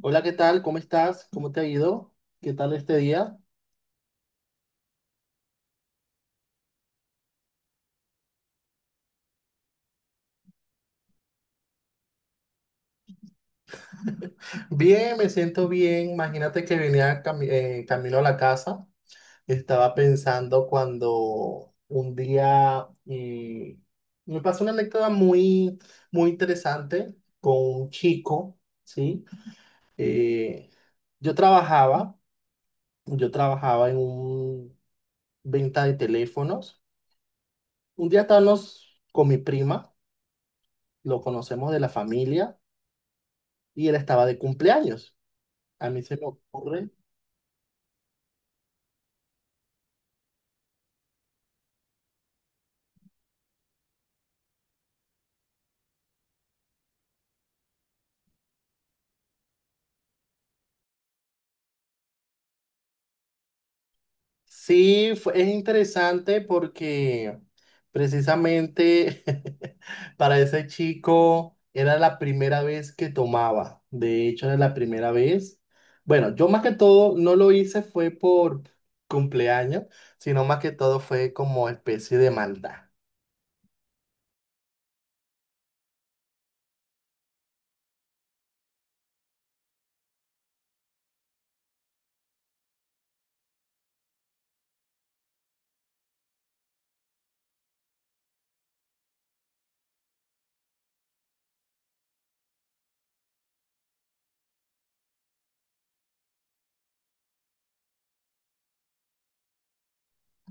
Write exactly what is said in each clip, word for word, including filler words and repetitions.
Hola, ¿qué tal? ¿Cómo estás? ¿Cómo te ha ido? ¿Qué tal este día? Bien, me siento bien. Imagínate que venía cami- eh, camino a la casa. Estaba pensando cuando un día eh, me pasó una anécdota muy, muy interesante con un chico, ¿sí? Eh, yo trabajaba, yo trabajaba en un venta de teléfonos. Un día estábamos con mi prima, lo conocemos de la familia, y él estaba de cumpleaños. A mí se me ocurre. Sí, fue- es interesante porque precisamente para ese chico era la primera vez que tomaba. De hecho, era la primera vez. Bueno, yo más que todo no lo hice fue por cumpleaños, sino más que todo fue como especie de maldad.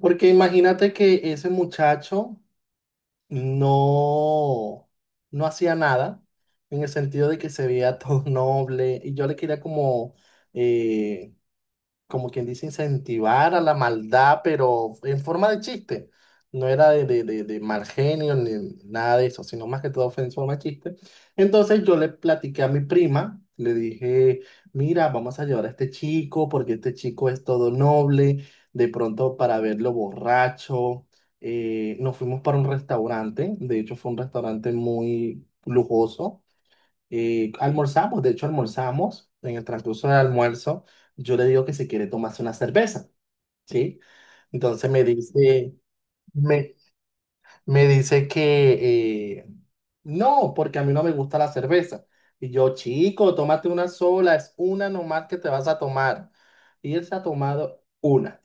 Porque imagínate que ese muchacho no, no hacía nada, en el sentido de que se veía todo noble, y yo le quería como, eh, como quien dice, incentivar a la maldad, pero en forma de chiste. No era de, de, de, de mal genio ni nada de eso, sino más que todo fue en forma de chiste. Entonces yo le platiqué a mi prima, le dije, mira, vamos a llevar a este chico porque este chico es todo noble, de pronto para verlo borracho. Eh, nos fuimos para un restaurante, de hecho fue un restaurante muy lujoso y almorzamos, de hecho almorzamos, en el transcurso del almuerzo, yo le digo que si quiere tomarse una cerveza, ¿sí? Entonces me dice, me, me dice que eh, no, porque a mí no me gusta la cerveza. Y yo, chico, tómate una sola, es una nomás que te vas a tomar. Y él se ha tomado una.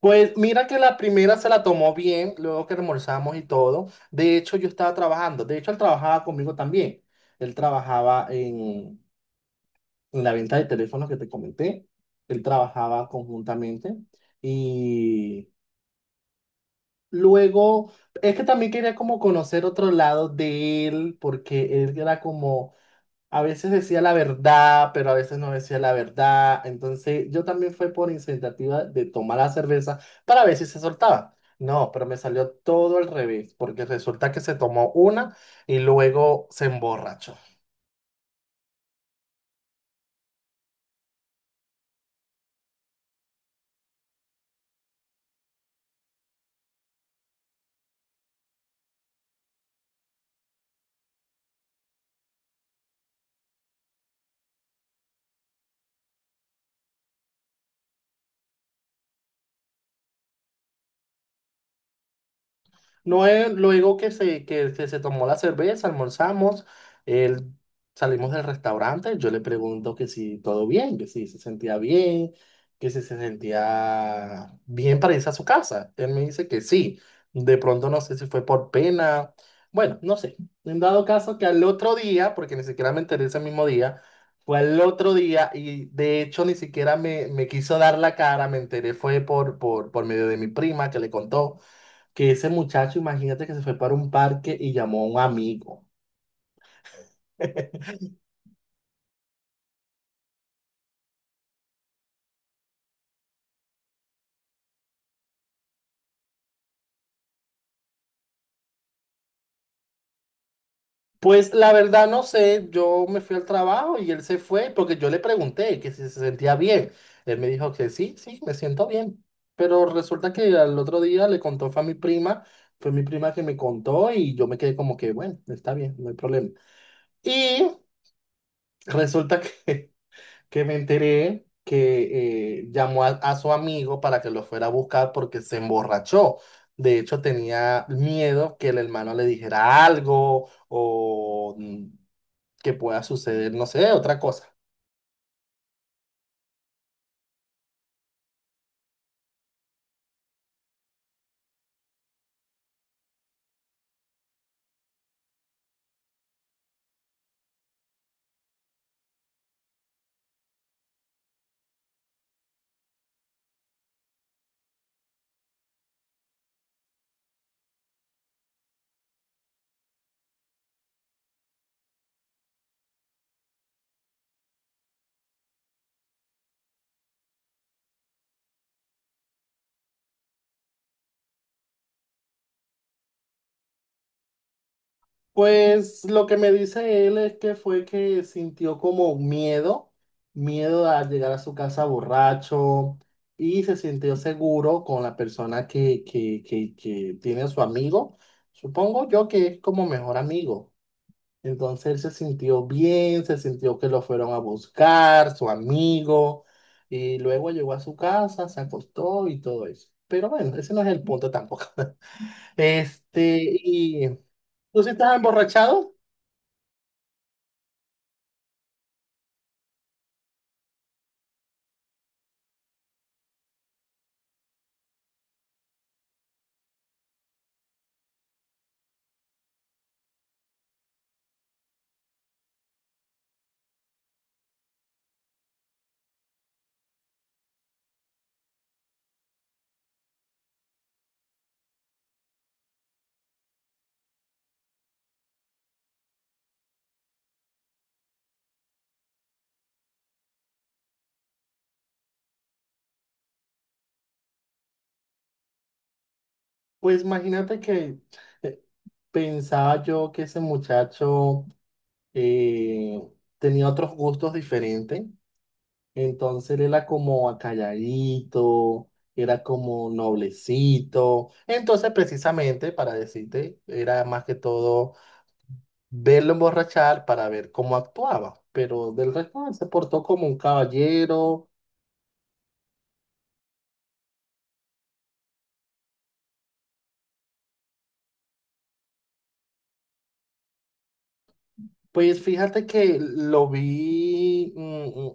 Pues mira que la primera se la tomó bien, luego que almorzamos y todo. De hecho, yo estaba trabajando, de hecho, él trabajaba conmigo también. Él trabajaba en en la venta de teléfonos que te comenté. Él trabajaba conjuntamente y luego, es que también quería como conocer otro lado de él, porque él era como, a veces decía la verdad, pero a veces no decía la verdad. Entonces yo también fue por iniciativa de tomar la cerveza para ver si se soltaba. No, pero me salió todo al revés, porque resulta que se tomó una y luego se emborrachó. No, eh, luego que se, que, que se tomó la cerveza, almorzamos, él- salimos del restaurante, yo le pregunto que si todo bien, que si se sentía bien, que si se sentía bien para irse a su casa. Él me dice que sí. De pronto no sé si fue por pena, bueno, no sé. En dado caso que al otro día, porque ni siquiera me enteré ese mismo día, fue al otro día y de hecho ni siquiera me, me quiso dar la cara, me enteré fue por, por, por medio de mi prima que le contó que ese muchacho, imagínate que se fue para un parque y llamó a un amigo. Pues la verdad no sé, yo me fui al trabajo y él se fue porque yo le pregunté que si se sentía bien. Él me dijo que sí, sí, me siento bien. Pero resulta que al otro día le contó, fue a mi prima, fue mi prima que me contó y yo me quedé como que, bueno, está bien, no hay problema. Y resulta que que me enteré que eh, llamó a, a su amigo para que lo fuera a buscar porque se emborrachó. De hecho, tenía miedo que el hermano le dijera algo o mm, que pueda suceder, no sé, otra cosa. Pues lo que me dice él es que fue que sintió como miedo, miedo a llegar a su casa borracho y se sintió seguro con la persona que, que, que, que tiene su amigo. Supongo yo que es como mejor amigo. Entonces él se sintió bien, se sintió que lo fueron a buscar, su amigo, y luego llegó a su casa, se acostó y todo eso. Pero bueno, ese no es el punto tampoco. Este, y tú si estás emborrachado, pues imagínate que eh, pensaba yo que ese muchacho eh, tenía otros gustos diferentes. Entonces él era como acalladito, era como noblecito. Entonces, precisamente para decirte, era más que todo verlo emborrachar para ver cómo actuaba. Pero del resto él se portó como un caballero. Pues fíjate que lo vi. mm, mm,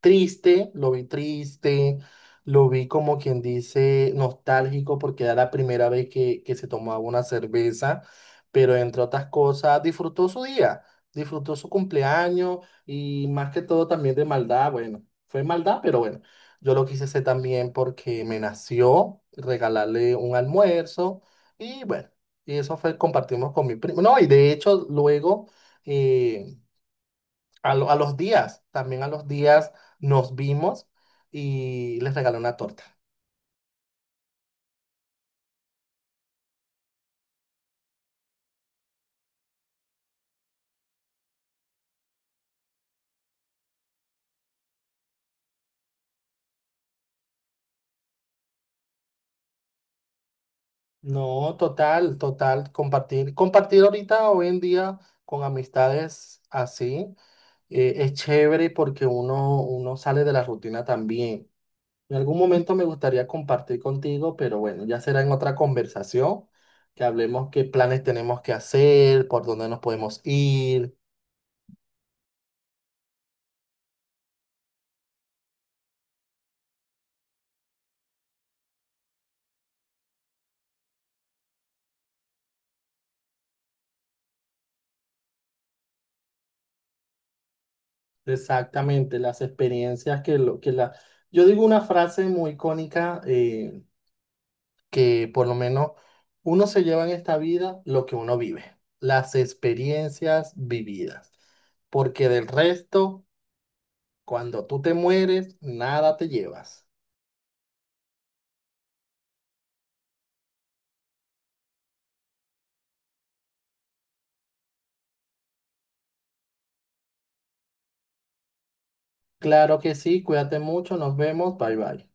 Triste, lo vi triste, lo vi como quien dice nostálgico porque era la primera vez que, que se tomaba una cerveza, pero entre otras cosas disfrutó su día, disfrutó su cumpleaños y más que todo también de maldad, bueno, fue maldad, pero bueno, yo lo quise hacer también porque me nació regalarle un almuerzo y bueno, y eso fue, compartimos con mi primo, no, y de hecho luego eh, a, lo- a los días, también a los días nos vimos y les regalé una torta. No, total, total, compartir, compartir ahorita, hoy en día, con amistades así, eh, es chévere porque uno, uno sale de la rutina también. En algún momento me gustaría compartir contigo, pero bueno, ya será en otra conversación, que hablemos qué planes tenemos que hacer, por dónde nos podemos ir. Exactamente, las experiencias que lo que la. Yo digo una frase muy icónica eh, que por lo menos uno se lleva en esta vida lo que uno vive, las experiencias vividas, porque del resto, cuando tú te mueres, nada te llevas. Claro que sí, cuídate mucho, nos vemos, bye bye.